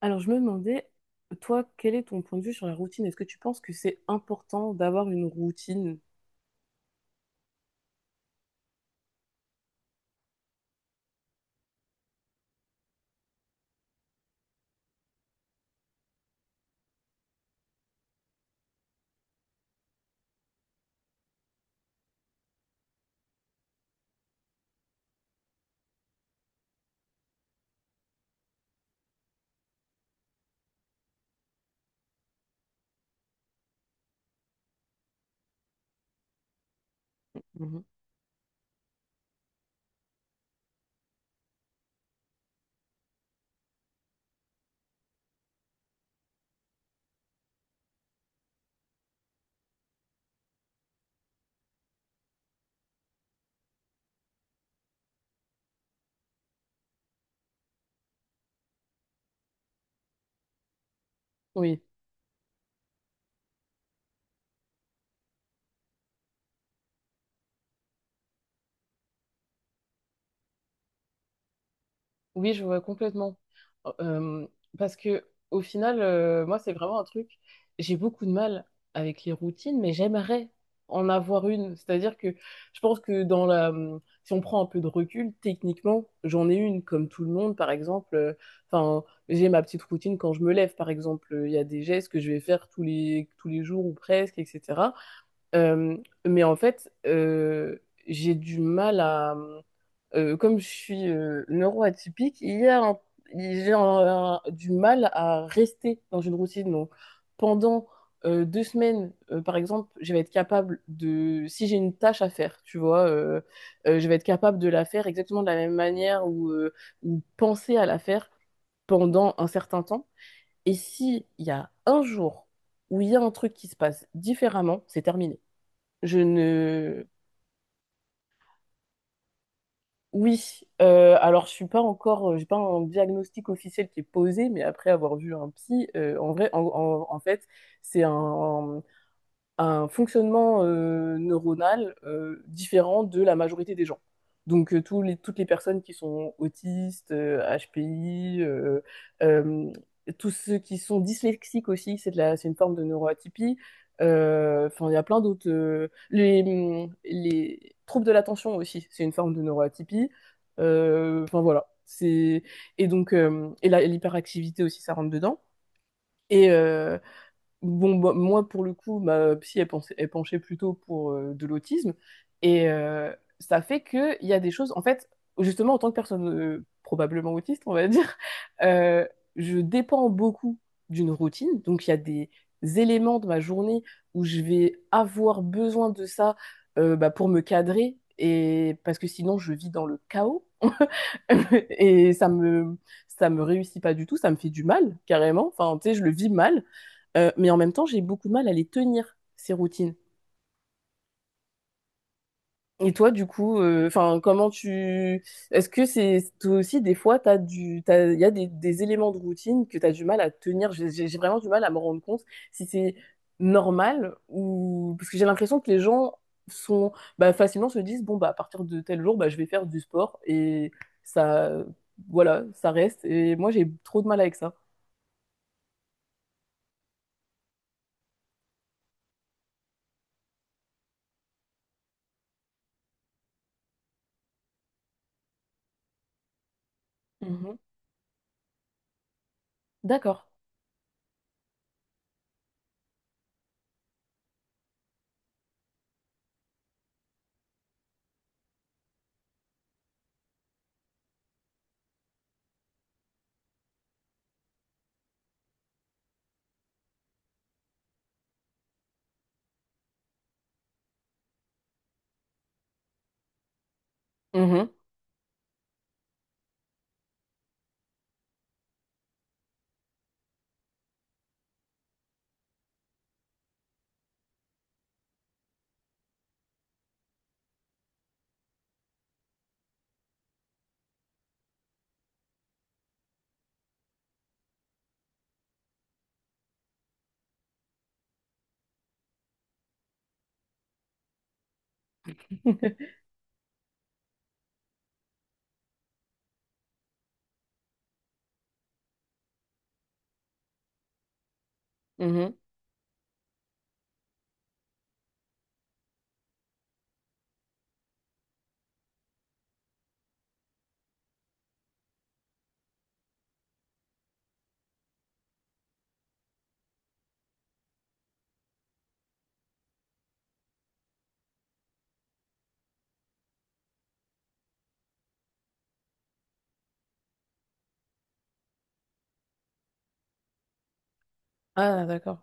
Alors, je me demandais, toi, quel est ton point de vue sur la routine? Est-ce que tu penses que c'est important d'avoir une routine? Mhm. Oui. Oui, je vois complètement. Oh, Euh, Parce que au final, moi, c'est vraiment un truc. J'ai beaucoup de mal avec les routines, mais j'aimerais en avoir une. C'est-à-dire que je pense que dans la, si on prend un peu de recul, techniquement, j'en ai une, comme tout le monde, par exemple. Enfin, j'ai ma petite routine quand je me lève, par exemple. Il y a des gestes que je vais faire tous les jours ou presque, etc. Euh, mais en fait, j'ai du mal à... Comme je suis neuroatypique, il y a un- j'ai du mal à rester dans une routine. Donc, pendant deux semaines, par exemple, je vais être capable de... Si j'ai une tâche à faire, tu vois, je vais être capable de la faire exactement de la même manière ou ou penser à la faire pendant un certain temps. Et si il y a un jour où il y a un truc qui se passe différemment, c'est terminé. Je ne... Oui, alors je suis pas encore, j'ai pas un diagnostic officiel qui est posé, mais après avoir vu un psy, en vrai, en fait, c'est un fonctionnement neuronal différent de la majorité des gens. Donc toutes les personnes qui sont autistes, HPI, euh, tous ceux qui sont dyslexiques aussi, c'est une forme de neuroatypie. Enfin, il y a plein d'autres. Les, les troubles de l'attention aussi, c'est une forme de neuroatypie. Enfin voilà. C'est et Donc l'hyperactivité aussi, ça rentre dedans. Et, euh, Bon, bah, moi, pour le coup, ma psy, elle, elle penchait plutôt pour de l'autisme. Et ça fait qu'il y a des choses, en fait, justement, en tant que personne probablement autiste, on va dire, euh, je dépends beaucoup d'une routine. Donc, il y a des éléments de ma journée où je vais avoir besoin de ça bah, pour me cadrer. Et parce que sinon, je vis dans le chaos. Et ça me, Ça me réussit pas du tout, ça me fait du mal, carrément. Enfin, tu sais, je le vis mal. Mais en même temps, j'ai beaucoup de mal à les tenir, ces routines. Et toi, du coup, enfin, comment tu... Est-ce que c'est toi aussi, des fois, t'as du... t'as... il y a des éléments de routine que tu as du mal à tenir. J'ai vraiment du mal à me rendre compte si c'est normal ou... Parce que j'ai l'impression que les gens sont... Bah, facilement se disent, bon, bah, à partir de tel jour, bah, je vais faire du sport. Et ça... Voilà, ça reste. Et moi, j'ai trop de mal avec ça. Mhm. D'accord. Mhm. Mhm. Ah, d'accord.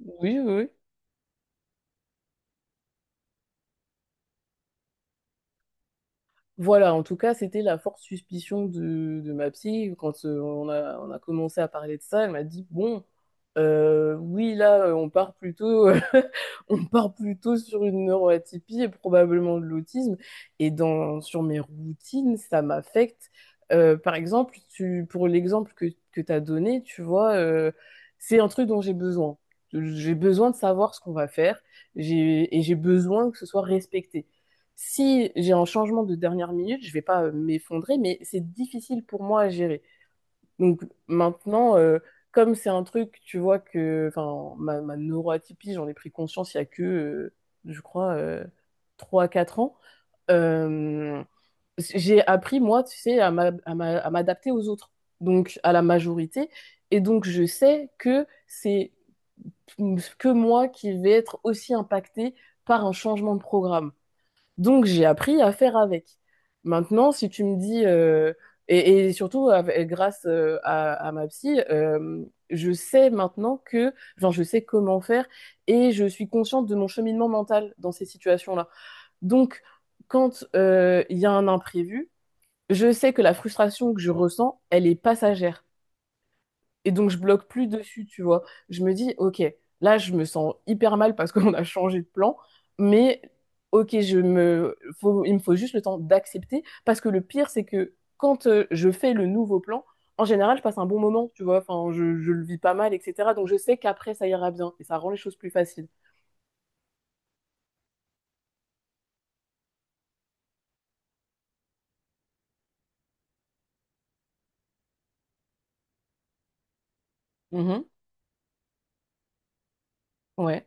Oui, oui, oui. Voilà, en tout cas, c'était la forte suspicion de ma psy. Quand on a commencé à parler de ça, elle m'a dit, bon, oui, là, on part plutôt, on part plutôt sur une neuroatypie et probablement de l'autisme. Sur mes routines, ça m'affecte. Par exemple, pour l'exemple que tu as donné, tu vois, c'est un truc dont j'ai besoin. J'ai besoin de savoir ce qu'on va faire, et j'ai besoin que ce soit respecté. Si j'ai un changement de dernière minute, je vais pas m'effondrer, mais c'est difficile pour moi à gérer. Donc maintenant, comme c'est un truc, tu vois que, enfin, ma neuroatypie, j'en ai pris conscience il y a je crois, 3 à 4 ans. Euh, j'ai appris, moi, tu sais, à m'adapter aux autres, donc à la majorité. Et donc, je sais que c'est que moi qui vais être aussi impactée par un changement de programme. Donc, j'ai appris à faire avec. Maintenant, si tu me dis, et surtout grâce à ma psy, je sais maintenant que, genre je sais comment faire et je suis consciente de mon cheminement mental dans ces situations-là. Donc, quand il y a un imprévu, je sais que la frustration que je ressens, elle est passagère. Et donc, je bloque plus dessus, tu vois. Je me dis, OK, là, je me sens hyper mal parce qu'on a changé de plan, mais OK, je me... il me faut juste le temps d'accepter parce que le pire, c'est que quand je fais le nouveau plan, en général, je passe un bon moment, tu vois. Enfin, je le vis pas mal, etc. Donc, je sais qu'après, ça ira bien et ça rend les choses plus faciles. Mhm. Ouais.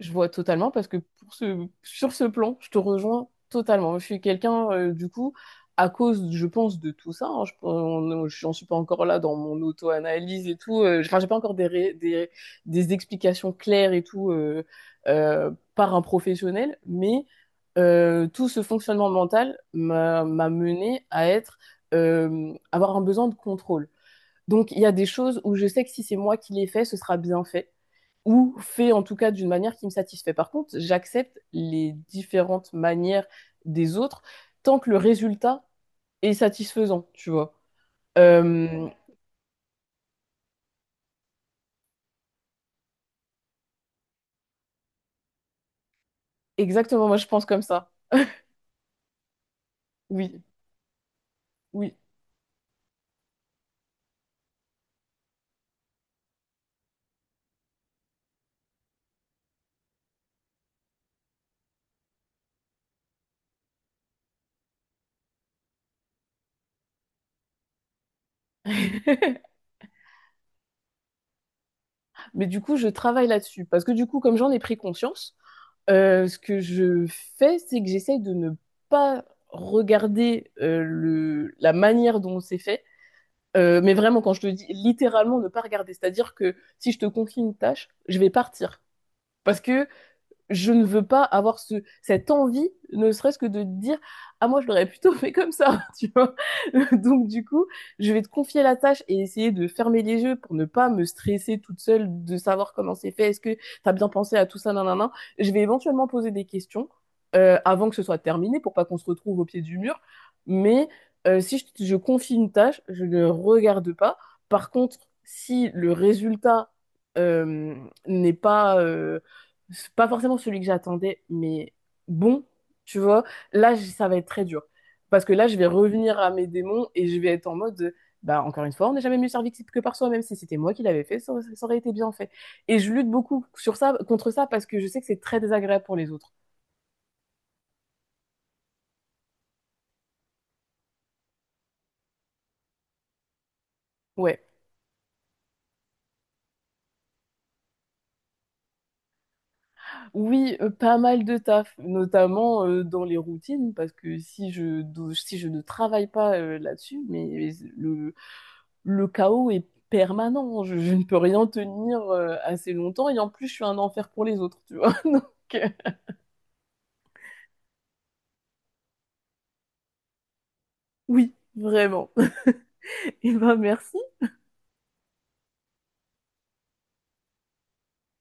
Je vois totalement parce que pour ce, sur ce plan, je te rejoins totalement. Je suis quelqu'un, du coup, à cause, je pense, de tout ça. Hein, j'en suis pas encore là dans mon auto-analyse et tout. Enfin, j'ai pas encore des explications claires et tout par un professionnel, mais tout ce fonctionnement mental m'a mené à être, avoir un besoin de contrôle. Donc, il y a des choses où je sais que si c'est moi qui les fais, ce sera bien fait ou fait en tout cas d'une manière qui me satisfait. Par contre, j'accepte les différentes manières des autres tant que le résultat est satisfaisant, tu vois. Euh, Exactement, moi je pense comme ça. Oui, oui. Mais du coup, je travaille là-dessus parce que du coup, comme j'en ai pris conscience, ce que je fais, c'est que j'essaye de ne pas regarder la manière dont c'est fait, mais vraiment, quand je te dis littéralement ne pas regarder, c'est-à-dire que si je te confie une tâche, je vais partir. Parce que je ne veux pas avoir cette envie, ne serait-ce que de dire: ah, moi, je l'aurais plutôt fait comme ça, tu vois. Donc, du coup, je vais te confier la tâche et essayer de fermer les yeux pour ne pas me stresser toute seule de savoir comment c'est fait. Est-ce que t'as bien pensé à tout ça, nan, nan, nan. Je vais éventuellement poser des questions avant que ce soit terminé pour pas qu'on se retrouve au pied du mur. Mais si je confie une tâche, je ne regarde pas. Par contre, si le résultat euh, n'est pas c'est pas forcément celui que j'attendais, mais bon, tu vois, là, ça va être très dur. Parce que là, je vais revenir à mes démons et je vais être en mode, bah, encore une fois, on n'est jamais mieux servi que par soi, même si c'était moi qui l'avais fait, ça aurait été bien fait. Et je lutte beaucoup contre ça parce que je sais que c'est très désagréable pour les autres. Ouais. Oui, pas mal de taf, notamment dans les routines, parce que si si je ne travaille pas là-dessus, mais le, le chaos est permanent. Je ne peux rien tenir assez longtemps. Et en plus, je suis un enfer pour les autres, tu vois. Donc, euh, oui, vraiment. Et ben, merci.